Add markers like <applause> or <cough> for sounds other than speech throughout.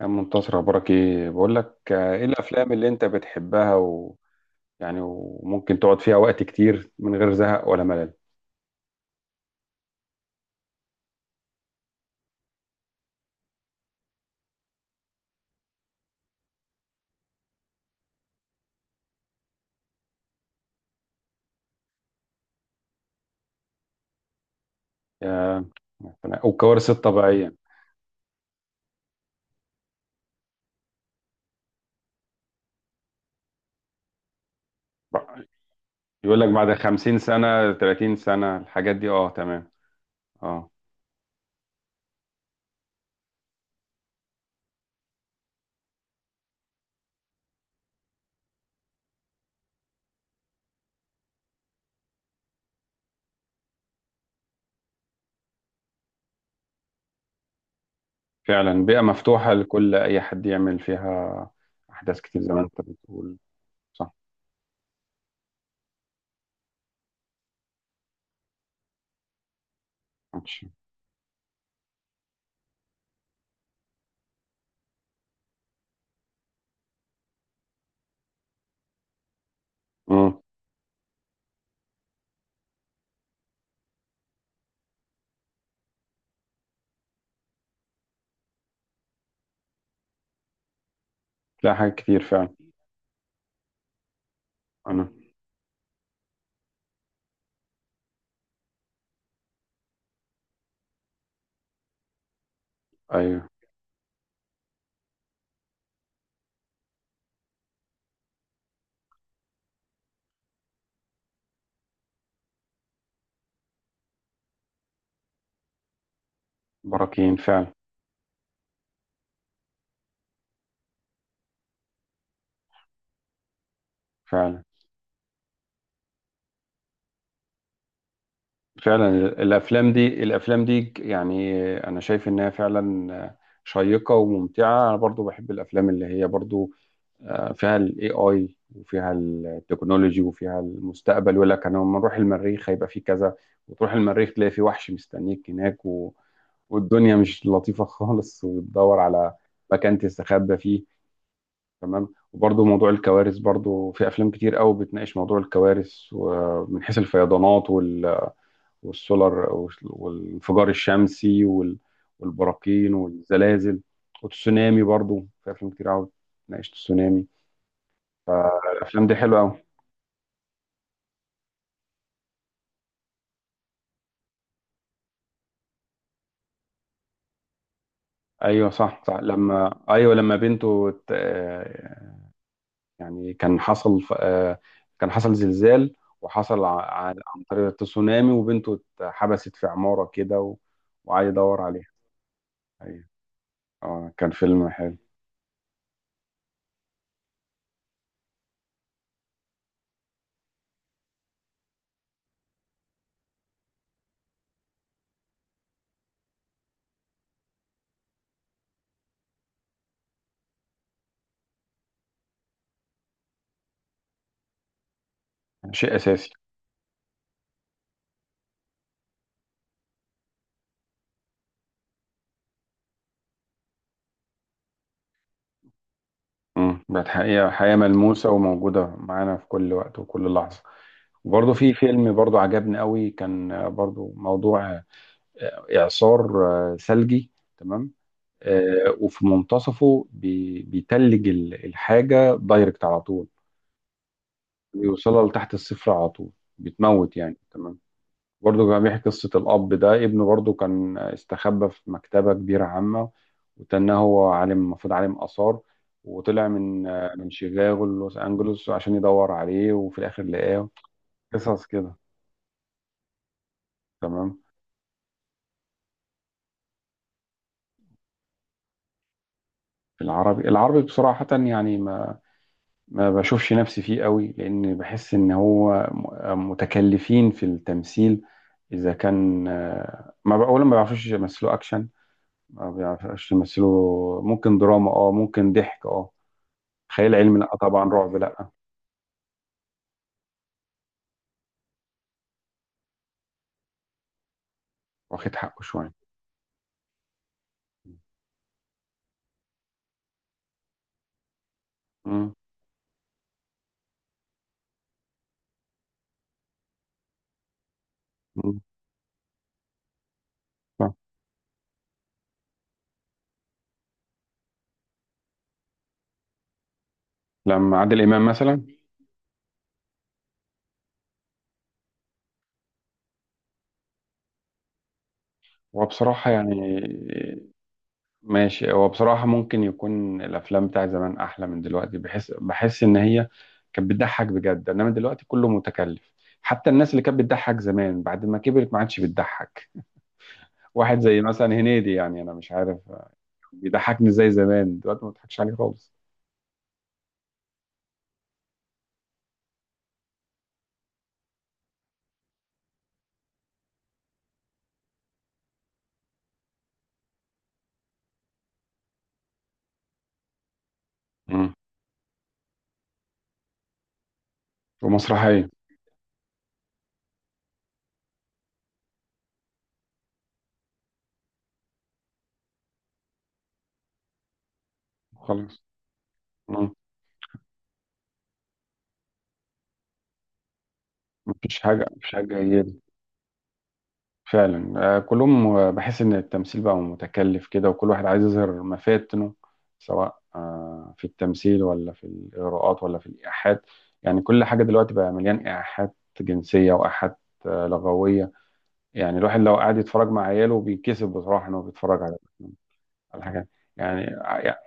يا عم منتصر، اخبارك ايه؟ بقول لك ايه الافلام اللي انت بتحبها و... يعني وممكن تقعد فيها وقت كتير من غير زهق ولا ملل؟ يا... والكوارث الطبيعيه بقى، يقول لك بعد 50 سنه 30 سنه الحاجات دي، اه تمام. اه فعلا، بيئه مفتوحه لكل اي حد يعمل فيها احداث كتير زي ما انت بتقول. صح. ماشي. امم. لا، حاجات كتير فعلا. انا ايوه. براكين فعلا. فعلا. فعلا. الافلام دي يعني انا شايف انها فعلا شيقه وممتعه. انا برضو بحب الافلام اللي هي برضو فيها الاي اي وفيها التكنولوجي وفيها المستقبل، ولا كان لما نروح المريخ هيبقى فيه كذا، وتروح المريخ تلاقي فيه وحش مستنيك هناك و... والدنيا مش لطيفه خالص وتدور على مكان تستخبى فيه. تمام. وبرضو موضوع الكوارث، برضو في افلام كتير قوي بتناقش موضوع الكوارث، ومن حيث الفيضانات والسولار والانفجار الشمسي والبراكين والزلازل والتسونامي، برضو في افلام كتير قوي ناقشت التسونامي. فالافلام دي حلوه قوي. ايوه صح صح لما ايوه لما بنته يعني كان حصل كان حصل زلزال وحصل عن طريق التسونامي، وبنته اتحبست في عماره كده و- وقعد يدور عليها. ايوه، اه كان فيلم حلو. شيء اساسي. امم، بقت حقيقة، حقيقة ملموسة وموجودة معانا في كل وقت وكل لحظة. وبرضه في فيلم برضه عجبني قوي، كان برضه موضوع إعصار ثلجي. تمام. وفي منتصفه بيتلج الحاجة دايركت على طول، بيوصلها لتحت الصفر على طول، بتموت يعني. تمام. برضه كان بيحكي قصة الأب ده، ابنه برضه كان استخبى في مكتبة كبيرة عامة، وتنه هو عالم، المفروض عالم آثار، وطلع من من شيكاغو لوس أنجلوس عشان يدور عليه، وفي الآخر لقاه. قصص كده. تمام. العربي، العربي بصراحة يعني ما ما بشوفش نفسي فيه قوي، لأن بحس إن هو متكلفين في التمثيل. إذا كان ما بقى- أولا ما بيعرفوش يمثلوا أكشن، ما بيعرفوش يمثلوا. ممكن دراما أه، ممكن ضحك أه، خيال علمي لا طبعا، رعب لا. واخد حقه شويه. مم. مم. صح. لما عادل امام مثلا. هو بصراحه يعني ماشي، هو بصراحه ممكن يكون الافلام بتاع زمان احلى من دلوقتي، بحس بحس ان هي كانت بتضحك بجد، انما دلوقتي كله متكلف. حتى الناس اللي كانت بتضحك زمان بعد ما كبرت ما عادش بتضحك. واحد زي مثلا هنيدي، يعني انا مش عارف بيضحكني زي زمان، دلوقتي ما بضحكش عليه خالص. مم. ومسرحيه. خلاص. مم. مفيش حاجه، مفيش حاجه فعلا. كلهم، بحس ان التمثيل بقى متكلف كده، وكل واحد عايز يظهر مفاتنه، سواء في التمثيل ولا في الاغراءات ولا في الايحاءات. يعني كل حاجه دلوقتي بقى مليان ايحاءات جنسيه وايحاءات لغويه. يعني الواحد لو قاعد يتفرج مع عياله بيتكسف بصراحه ان هو بيتفرج على على حاجه يعني. يعني-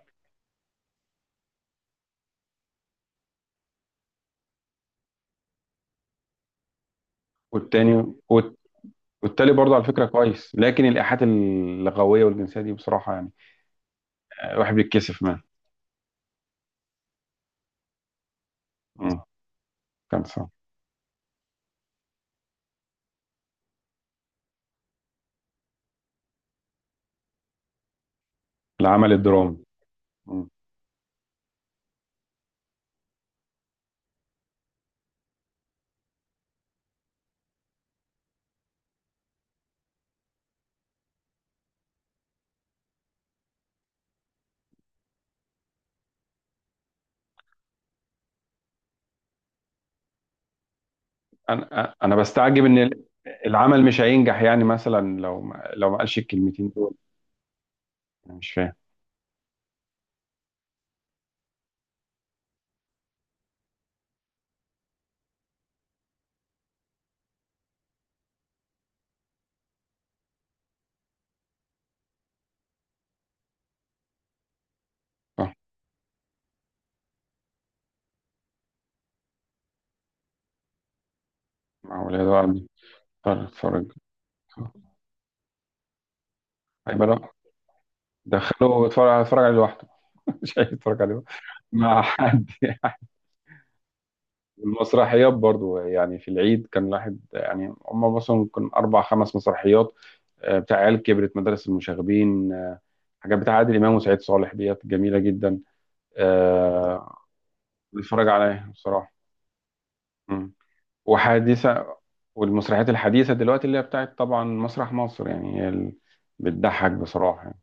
والتاني والتالي برضه على فكره كويس، لكن الايحاءات اللغويه والجنسيه دي بصراحه يعني الواحد بيتكسف منها. مم. كان صعب. العمل الدرامي. انا بستعجب ان العمل مش هينجح، يعني مثلا لو ما قالش الكلمتين دول، انا مش فاهم. صح. مع ولاده قاعد بيتفرج، اتفرج هيبقى لا. دخله يتفرج، يتفرج عليه لوحده، <laughs> مش هيتفرج عليه مع حد يعني. المسرحيات برضو يعني، في العيد كان الواحد يعني هم مثلا ممكن اربع خمس مسرحيات، بتاع عيال كبرت، مدارس المشاغبين، حاجات بتاع عادل امام وسعيد صالح، ديت جميله جدا. آه، بتفرج عليها بصراحه. وحديثة. والمسرحيات الحديثة دلوقتي اللي هي بتاعت طبعا مسرح مصر، يعني هي اللي بتضحك بصراحة يعني.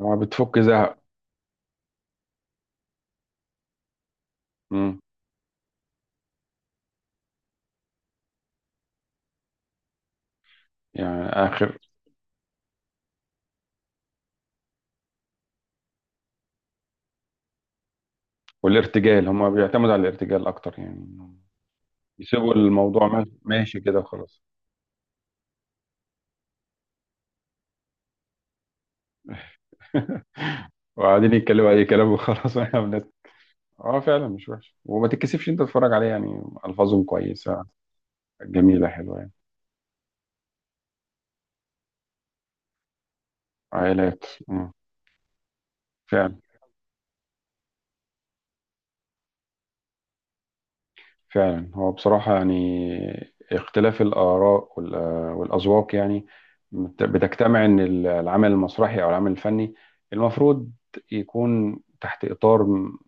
هو بتفك زهق. مم. يعني آخر. والارتجال، هم بيعتمدوا على الارتجال أكتر، يعني إنهم يسيبوا الموضوع ماشي كده وخلاص. <laughs> وقاعدين يتكلموا أي كلام وخلاص. <laughs> واحنا بنت. اه فعلا، مش وحش، وما تتكسفش انت تتفرج عليه، يعني ألفاظهم كويسة، جميلة حلوة يعني. عائلات. مم. فعلا. فعلا هو بصراحة يعني اختلاف الآراء والأذواق يعني بتجتمع إن العمل المسرحي أو العمل الفني المفروض يكون تحت إطار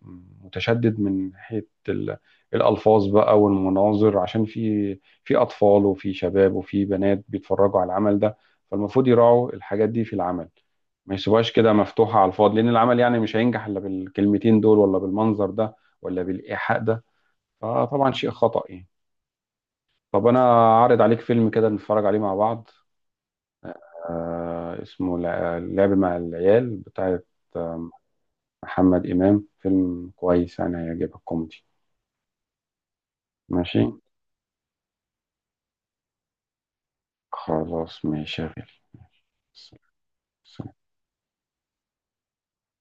متشدد من ناحية الألفاظ بقى والمناظر، عشان في في أطفال وفي شباب وفي بنات بيتفرجوا على العمل ده، فالمفروض يراعوا الحاجات دي في العمل، ما يسيبوهاش كده مفتوحة على الفاضي. لأن العمل يعني مش هينجح إلا بالكلمتين دول ولا بالمنظر ده ولا بالإيحاء ده، فطبعا شيء خطأ يعني. طب انا عارض عليك فيلم كده نتفرج عليه مع بعض، آه اسمه لعب مع العيال، بتاعت آه، محمد إمام. فيلم كويس يعني هيعجبك، كوميدي. ماشي. خلاص ماشي يا غالي. سلام.